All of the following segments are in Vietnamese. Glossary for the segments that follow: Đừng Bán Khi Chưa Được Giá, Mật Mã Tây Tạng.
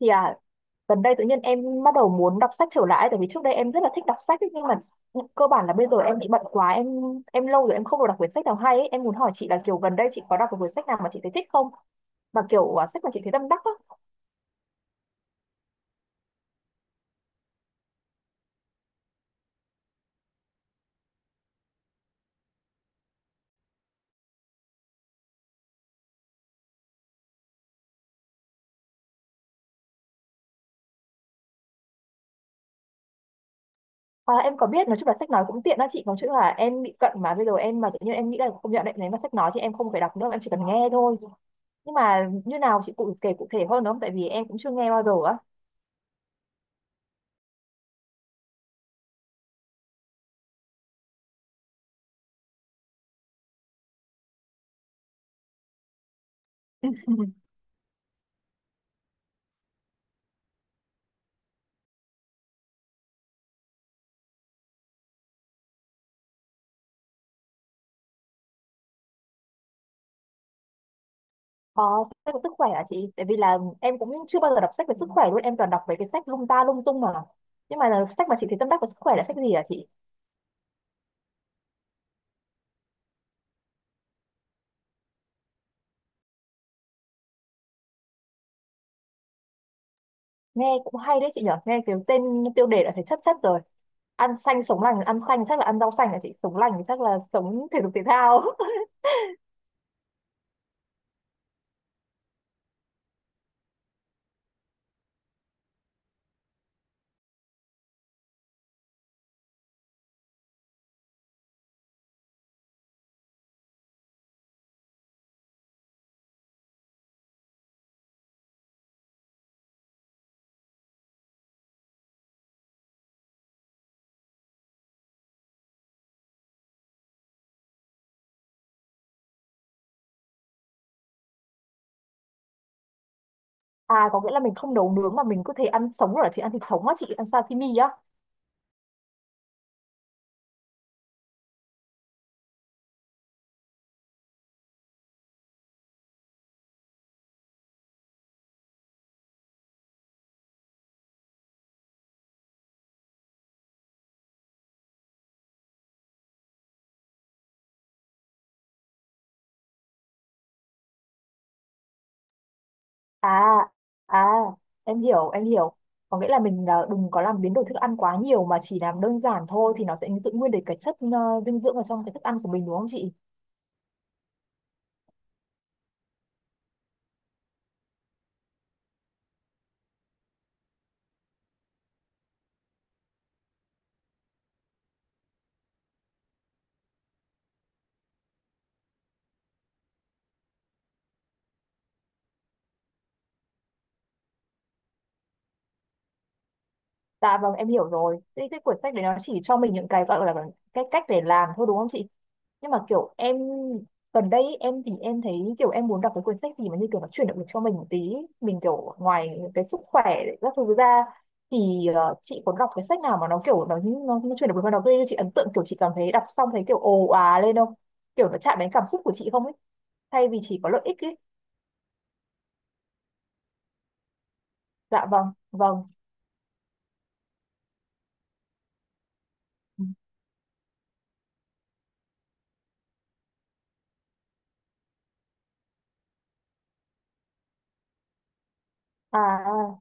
Thì gần đây tự nhiên em bắt đầu muốn đọc sách trở lại tại vì trước đây em rất là thích đọc sách ấy, nhưng mà cơ bản là bây giờ em bị bận quá, em lâu rồi em không được đọc quyển sách nào hay ấy. Em muốn hỏi chị là kiểu gần đây chị có đọc một quyển sách nào mà chị thấy thích không, và kiểu sách mà chị thấy tâm đắc á. Em có biết, nói chung là sách nói cũng tiện đó chị, nói chung là em bị cận mà bây giờ em mà tự nhiên em nghĩ là không, nhận định nếu mà sách nói thì em không phải đọc nữa, em chỉ cần nghe thôi. Nhưng mà như nào chị cụ kể cụ thể hơn được không, tại vì em cũng chưa nghe bao giờ á. Ờ, sách về sức khỏe hả chị? Tại vì là em cũng chưa bao giờ đọc sách về sức khỏe luôn, em toàn đọc về cái sách lung ta lung tung mà. Nhưng mà là sách mà chị thấy tâm đắc về sức khỏe là sách gì hả chị? Nghe cũng hay đấy chị nhở, nghe cái tên tiêu đề đã thấy chất chất rồi. Ăn xanh sống lành, ăn xanh chắc là ăn rau xanh hả chị? Sống lành thì chắc là sống thể dục thể thao. À, có nghĩa là mình không nấu nướng mà mình có thể ăn sống rồi hả chị? Ăn thịt sống á chị, ăn sashimi á. À, à, em hiểu, em hiểu. Có nghĩa là mình đừng có làm biến đổi thức ăn quá nhiều mà chỉ làm đơn giản thôi thì nó sẽ giữ nguyên được cái chất dinh dưỡng ở trong cái thức ăn của mình đúng không chị? Dạ vâng, em hiểu rồi. Thế cái cuốn sách đấy nó chỉ cho mình những cái gọi là cái cách để làm thôi đúng không chị? Nhưng mà kiểu em gần đây ý, em thì em thấy kiểu em muốn đọc cái cuốn sách gì mà như kiểu nó chuyển động lực cho mình một tí, mình kiểu ngoài cái sức khỏe các thứ ra thì chị có đọc cái sách nào mà nó kiểu nó chuyển động lực mà nó gây cho chị ấn tượng, kiểu chị cảm thấy đọc xong thấy kiểu ồ à lên không, kiểu nó chạm đến cảm xúc của chị không ấy, thay vì chỉ có lợi ích ấy. Dạ vâng vâng. À.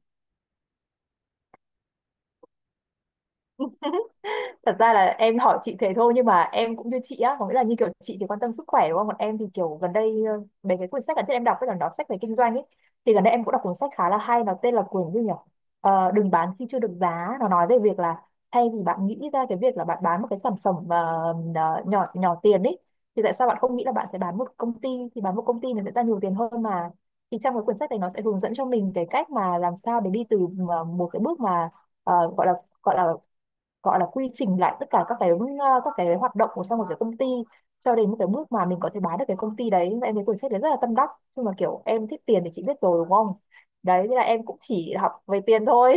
Thật ra là em hỏi chị thế thôi nhưng mà em cũng như chị á, có nghĩa là như kiểu chị thì quan tâm sức khỏe đúng không, còn em thì kiểu gần đây mấy cái quyển sách gần đây em đọc với là nó sách về kinh doanh ấy. Thì gần đây em cũng đọc cuốn sách khá là hay, nó tên là quyển gì nhỉ, Ờ, đừng bán khi chưa được giá. Nó nói về việc là thay vì bạn nghĩ ra cái việc là bạn bán một cái sản phẩm nhỏ nhỏ tiền ấy, thì tại sao bạn không nghĩ là bạn sẽ bán một công ty, thì bán một công ty nó sẽ ra nhiều tiền hơn mà. Thì trong cái quyển sách này nó sẽ hướng dẫn cho mình cái cách mà làm sao để đi từ một cái bước mà ờ, gọi là gọi là gọi là quy trình lại tất cả các cái các cái hoạt động của trong một cái công ty, cho đến cái bước mà mình có thể bán được cái công ty đấy, em thấy cuốn sách đấy rất là tâm đắc. Nhưng mà kiểu em thích tiền thì chị biết rồi đúng không, đấy thế là em cũng chỉ học về tiền thôi.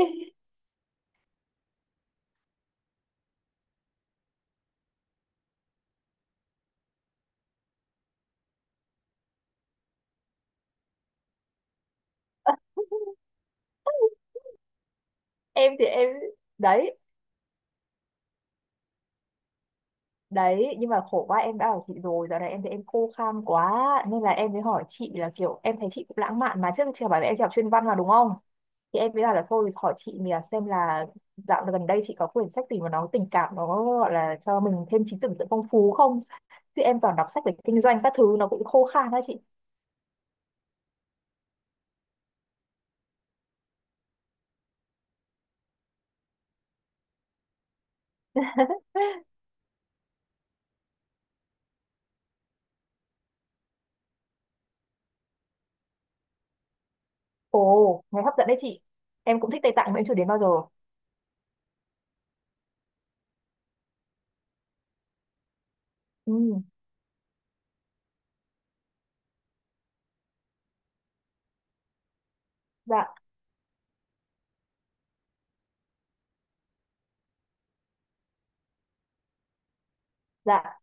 em thì em đấy, đấy, nhưng mà khổ quá, em đã bảo chị rồi, giờ này em thấy em khô khan quá, nên là em mới hỏi chị là kiểu em thấy chị cũng lãng mạn, mà trước chị bảo là em chỉ học chuyên văn mà đúng không, thì em mới bảo là thôi hỏi chị mình là xem là dạo gần đây chị có quyển sách gì mà nó tình cảm, nó gọi là cho mình thêm trí tưởng tượng phong phú không, chứ em toàn đọc sách về kinh doanh các thứ nó cũng khô khan đó chị. Ồ nghe hấp dẫn đấy chị, em cũng thích Tây Tạng mà em chưa đến bao giờ. Ừ. Dạ. Dạ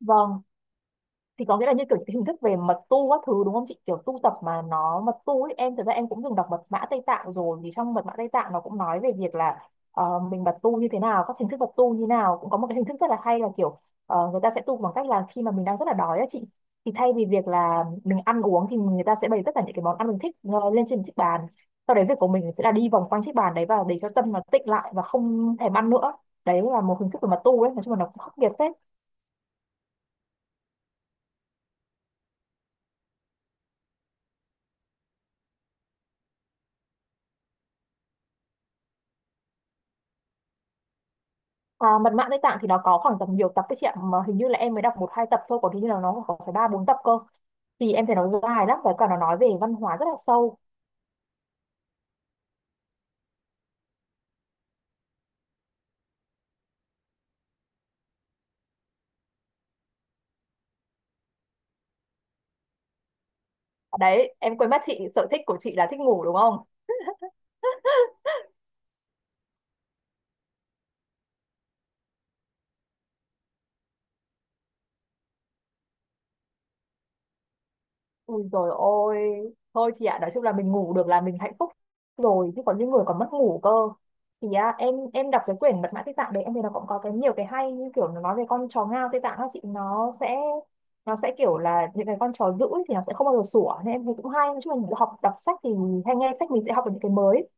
vâng, thì có nghĩa là như kiểu cái hình thức về mật tu các thứ đúng không chị, kiểu tu tập mà nó mật tu ấy. Em thật ra em cũng từng đọc mật mã Tây Tạng rồi, thì trong mật mã Tây Tạng nó cũng nói về việc là mình mật tu như thế nào, các hình thức mật tu như nào, cũng có một cái hình thức rất là hay là kiểu người ta sẽ tu bằng cách là khi mà mình đang rất là đói á chị, thì thay vì việc là mình ăn uống thì người ta sẽ bày tất cả những cái món ăn mình thích lên trên chiếc bàn, sau đấy việc của mình sẽ là đi vòng quanh chiếc bàn đấy và để cho tâm nó tịnh lại và không thèm ăn nữa. Đấy là một hình thức về mật tu ấy, nói chung là nó cũng khắc nghiệt phết. À, mật mã Tây Tạng thì nó có khoảng tầm nhiều tập đấy chị ạ, mà hình như là em mới đọc một hai tập thôi, còn hình như là nó có phải ba bốn tập cơ, thì em thấy nó dài lắm và cả nó nói về văn hóa rất là sâu. Đấy em quên mất, chị sở thích của chị là thích ngủ đúng không. Ui dồi ôi, thôi chị ạ, nói chung là mình ngủ được là mình hạnh phúc rồi, chứ còn những người còn mất ngủ cơ. Thì em đọc cái quyển mật mã Tây Tạng đấy, em thấy nó cũng có cái nhiều cái hay. Như kiểu nó nói về con chó ngao Tây Tạng đó chị, nó sẽ kiểu là những cái con chó dữ ấy, thì nó sẽ không bao giờ sủa, nên em thấy cũng hay. Nói chung là mình học đọc sách thì hay nghe sách mình sẽ học được những cái mới.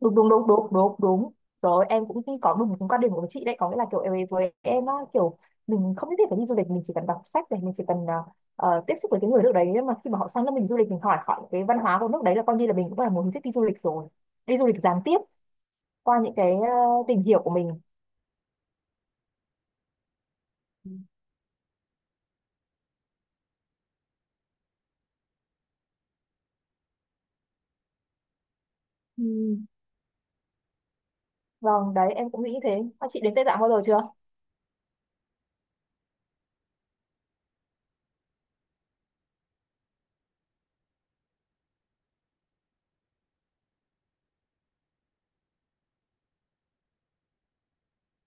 Đúng đúng đúng đúng đúng đúng, rồi em cũng nghĩ có đúng cái quan điểm của chị đấy, có nghĩa là kiểu với em á, kiểu mình không nhất thiết phải đi du lịch, mình chỉ cần đọc sách này, mình chỉ cần tiếp xúc với cái người nước đấy, nhưng mà khi mà họ sang nước mình du lịch mình hỏi hỏi cái văn hóa của nước đấy là coi như là mình cũng là một hình thức đi du lịch rồi, đi du lịch gián tiếp qua những cái tìm hiểu của mình. Ừ. Vâng đấy em cũng nghĩ thế. À, chị đến Tây Tạng bao giờ chưa?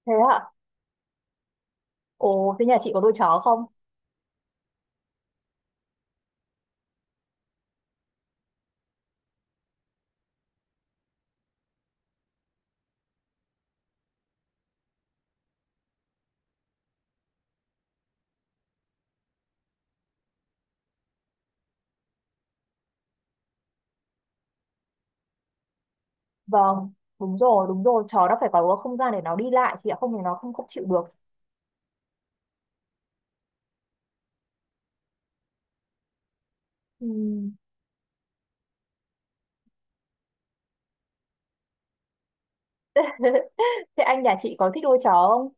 Thế ạ? Ồ thế nhà chị có nuôi chó không? Vâng, đúng rồi đúng rồi, chó nó phải có không gian để nó đi lại chị ạ, không thì nó không không chịu được. Ừ. Thế anh nhà chị có thích nuôi chó không?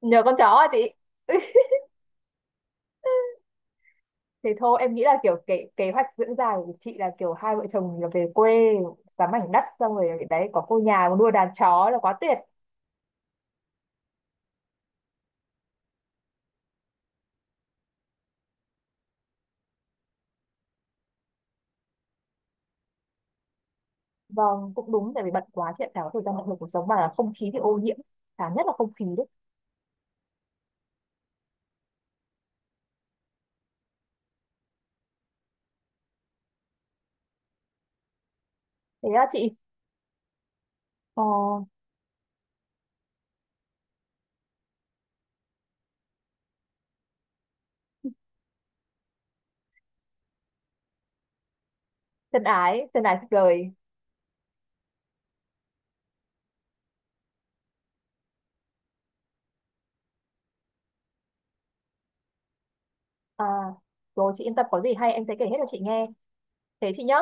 Nhờ con chó à chị? Thì thôi em nghĩ là kiểu kế hoạch dưỡng già của chị là kiểu hai vợ chồng là về quê sắm mảnh đất xong rồi đấy có cô nhà có nuôi đàn chó là quá tuyệt. Vâng cũng đúng tại vì bận quá chị ạ, chả có thời gian, bận rộn cuộc sống mà không khí thì ô nhiễm, cả nhất là không khí đấy. Thế á chị? ờ, Chân ái chân ái cuộc đời. à, Rồi chị yên tâm có gì hay em sẽ kể hết cho chị nghe. Thế chị nhá.